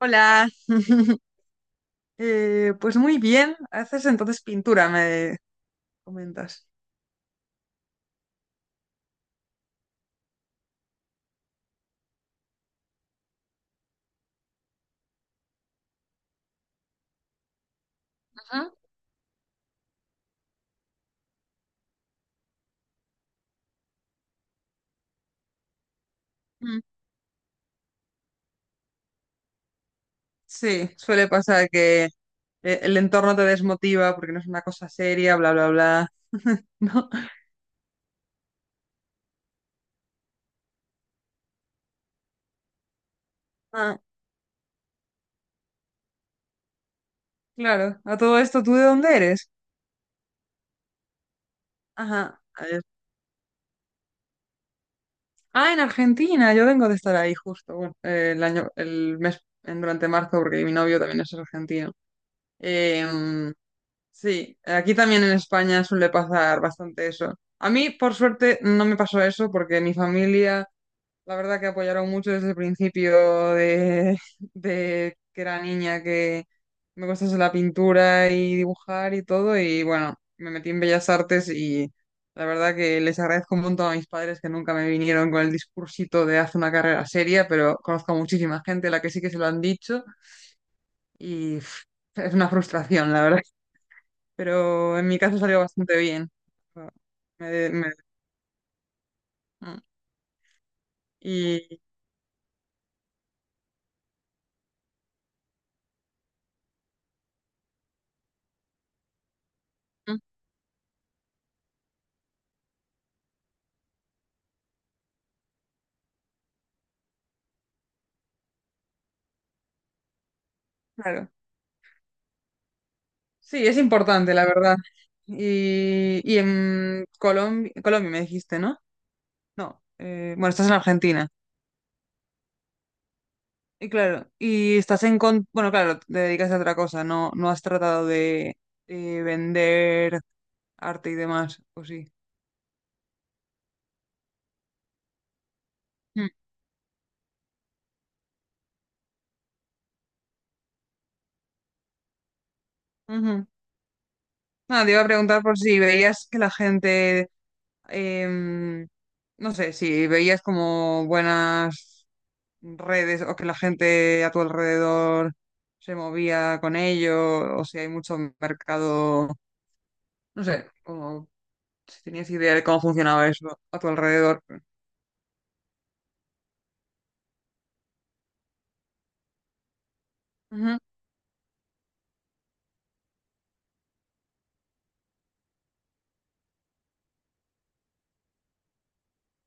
Hola, Pues muy bien, haces entonces pintura, me comentas. Ujú. Mm. Sí, suele pasar que el entorno te desmotiva porque no es una cosa seria, bla, bla, bla. ¿No? Ah, claro, a todo esto, ¿tú de dónde eres? Ajá, a ver. Ah, en Argentina, yo vengo de estar ahí justo, bueno, el año, el mes, durante marzo, porque mi novio también es argentino. Em, Sí, aquí también en España suele pasar bastante eso. A mí, por suerte, no me pasó eso porque mi familia, la verdad que apoyaron mucho desde el principio de, de que era niña, que me gustase la pintura y dibujar y todo. Y bueno, me metí en Bellas Artes y la verdad que les agradezco un montón a mis padres que nunca me vinieron con el discursito de haz una carrera seria, pero conozco a muchísima gente a la que sí que se lo han dicho y pff, es una frustración, la verdad, pero en mi caso salió bastante bien. O- me- de- me- mm, y mm, claro, sí, es importante, la verdad. Y en Colombia, Colombia me dijiste, ¿no? No, bueno, estás en Argentina. Y claro, y estás en... bueno, claro, te dedicas a otra cosa, no, no has tratado de vender arte y demás, ¿o sí? Mm. Ujú. Nada, te iba a preguntar por si veías que la gente em, no sé, si veías como buenas redes o que la gente a tu alrededor se movía con ello, o si hay mucho mercado, no sé, como si tenías idea de cómo funcionaba eso a tu alrededor. Ujú.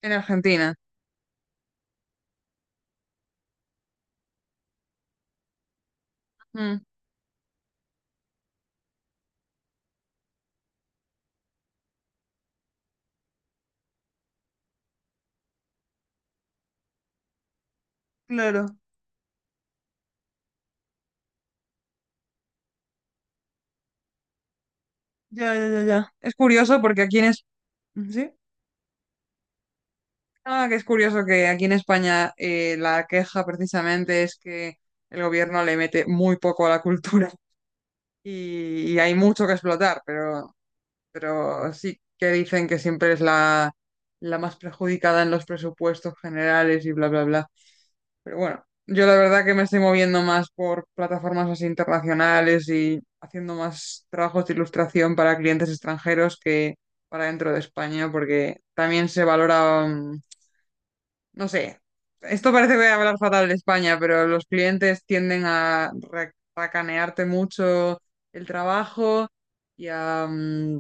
En Argentina. Mm, claro, ya, ya, ya, ya. Es curioso porque aquí en es... ¿Sí? Ah, que es curioso que aquí en España la queja precisamente es que el gobierno le mete muy poco a la cultura. Y hay mucho que explotar, pero sí que dicen que siempre es la más perjudicada en los presupuestos generales y bla, bla, bla. Pero bueno, yo la verdad que me estoy moviendo más por plataformas así internacionales y haciendo más trabajos de ilustración para clientes extranjeros que para dentro de España, porque también se valora no sé, esto parece que voy a hablar fatal de España, pero los clientes tienden a racanearte mucho el trabajo y a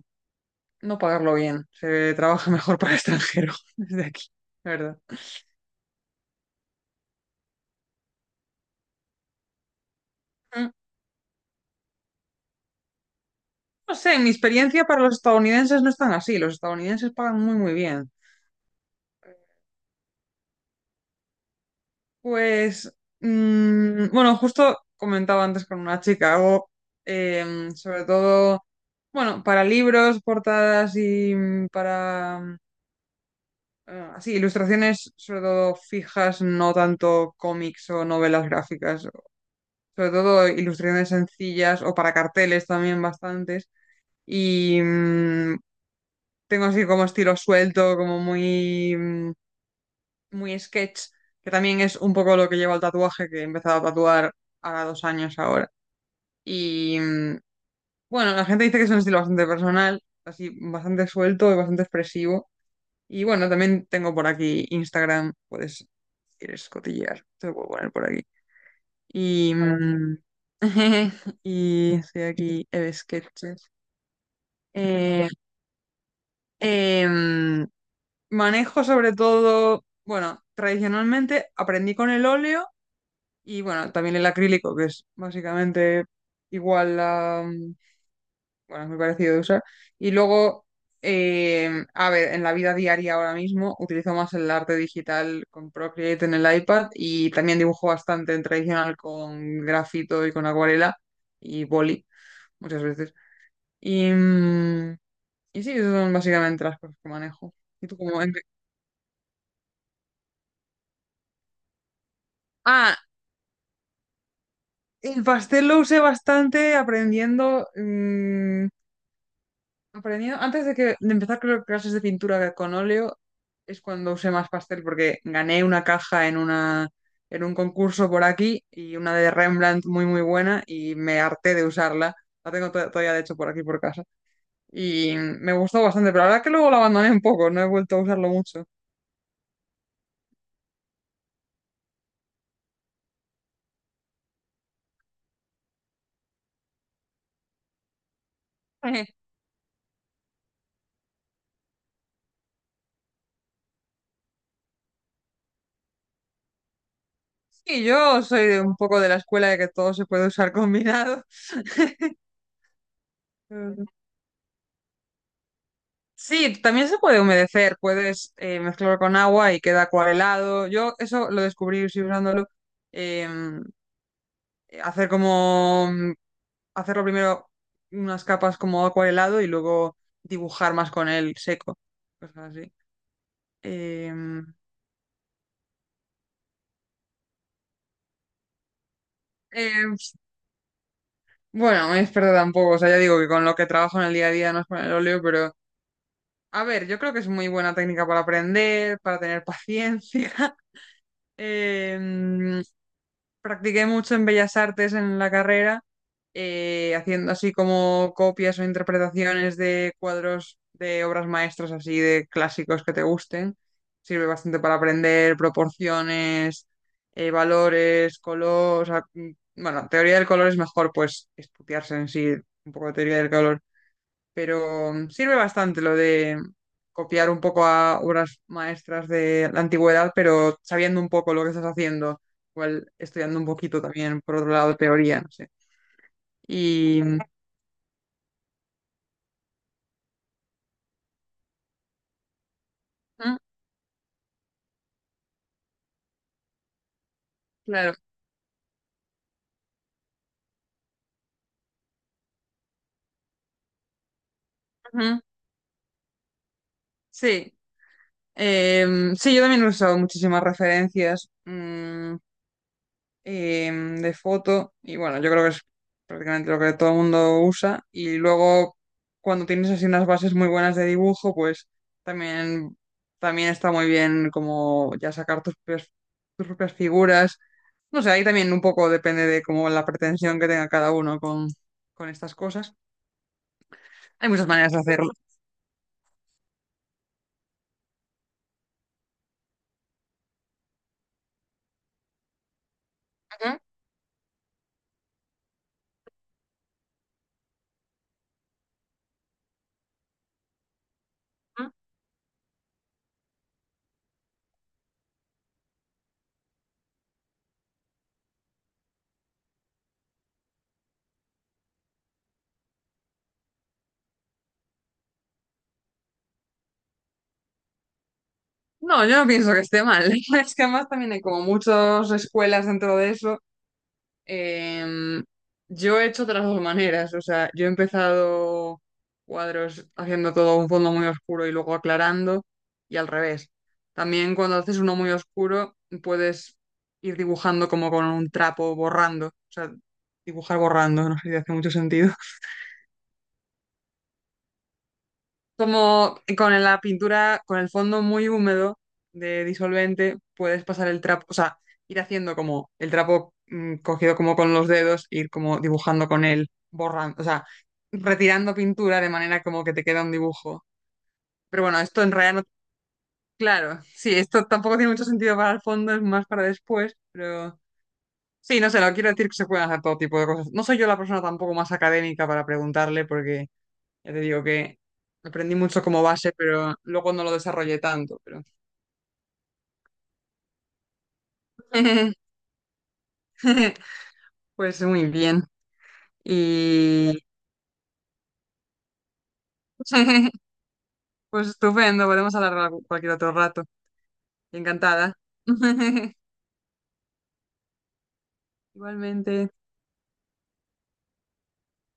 no pagarlo bien. Se trabaja mejor para el extranjero desde aquí, la verdad. Mm, no sé, en mi experiencia para los estadounidenses no es tan así. Los estadounidenses pagan muy, muy bien. Pues, bueno, justo comentaba antes con una chica, hago sobre todo, bueno, para libros, portadas y para... Ah, sí, ilustraciones sobre todo fijas, no tanto cómics o novelas gráficas, sobre todo ilustraciones sencillas o para carteles también bastantes. Y tengo así como estilo suelto, como muy, muy sketch, que también es un poco lo que lleva al tatuaje, que he empezado a tatuar hace 2 años ahora. Y mm, bueno, la gente dice que es un estilo bastante personal, así bastante suelto y bastante expresivo. Y bueno, también tengo por aquí Instagram, puedes, si quieres cotillear, te lo puedo poner por aquí. Vale. Y estoy aquí, Eve Sketches. Eh, em, Manejo sobre todo, bueno, tradicionalmente aprendí con el óleo y bueno, también el acrílico, que es básicamente igual a, bueno, es muy parecido de usar. Y luego, a ver, en la vida diaria ahora mismo utilizo más el arte digital con Procreate en el iPad y también dibujo bastante en tradicional con grafito y con acuarela y boli muchas veces. Y, mm, y sí, esas son básicamente las cosas que manejo. ¿Y tú cómo? Ah, el pastel lo usé bastante aprendiendo. Antes de que de empezar, creo que, clases de pintura con óleo es cuando usé más pastel porque gané una caja en una, en un concurso por aquí, y una de Rembrandt muy muy buena, y me harté de usarla. La tengo todavía de hecho por aquí por casa, y me gustó bastante, pero la verdad que luego la abandoné un poco, no he vuelto a usarlo mucho. Sí, yo soy de un poco de la escuela de que todo se puede usar combinado. Sí, también se puede humedecer, puedes mezclarlo con agua y queda acuarelado. Yo eso lo descubrí sí, usándolo. em, Hacer como hacerlo primero unas capas como acuarelado y luego dibujar más con él seco. Cosas así. Eh, eh, bueno, me experta tampoco. O sea, ya digo que con lo que trabajo en el día a día no es con el óleo, pero a ver, yo creo que es muy buena técnica para aprender, para tener paciencia. Em, Practiqué mucho en Bellas Artes en la carrera, haciendo así como copias o interpretaciones de cuadros de obras maestras, así de clásicos que te gusten. Sirve bastante para aprender proporciones, valores, color. O sea, bueno, teoría del color es mejor, pues, estudiarse en sí un poco de teoría del color, pero sirve bastante lo de copiar un poco a obras maestras de la antigüedad, pero sabiendo un poco lo que estás haciendo, igual estudiando un poquito también, por otro lado, teoría, no sé. Y mm, claro, ujú, sí. Sí, yo también he usado muchísimas referencias. De foto, y bueno, yo creo que es prácticamente lo que todo el mundo usa, y luego cuando tienes así unas bases muy buenas de dibujo, pues también, también está muy bien como ya sacar tus propias figuras. No sé, ahí también un poco depende de como la pretensión que tenga cada uno con estas cosas. Hay muchas maneras de hacerlo. Ujú. No, yo no pienso que esté mal. Es que además también hay como muchas escuelas dentro de eso. Em, yo he hecho de las dos maneras, o sea, yo he empezado cuadros haciendo todo un fondo muy oscuro y luego aclarando, y al revés. También cuando haces uno muy oscuro puedes ir dibujando como con un trapo borrando, o sea, dibujar borrando, no sé si hace mucho sentido. Como con la pintura, con el fondo muy húmedo de disolvente, puedes pasar el trapo, o sea, ir haciendo como el trapo cogido como con los dedos, ir como dibujando con él, borrando, o sea, retirando pintura de manera como que te queda un dibujo. Pero bueno, esto en realidad no, claro, sí, esto tampoco tiene mucho sentido para el fondo, es más para después, pero sí, no sé, lo quiero decir que se pueden hacer todo tipo de cosas. No soy yo la persona tampoco más académica para preguntarle porque ya te digo que aprendí mucho como base, pero luego no lo desarrollé tanto, pero pues muy bien. Y pues estupendo, podemos hablar cualquier otro rato. Encantada. Igualmente.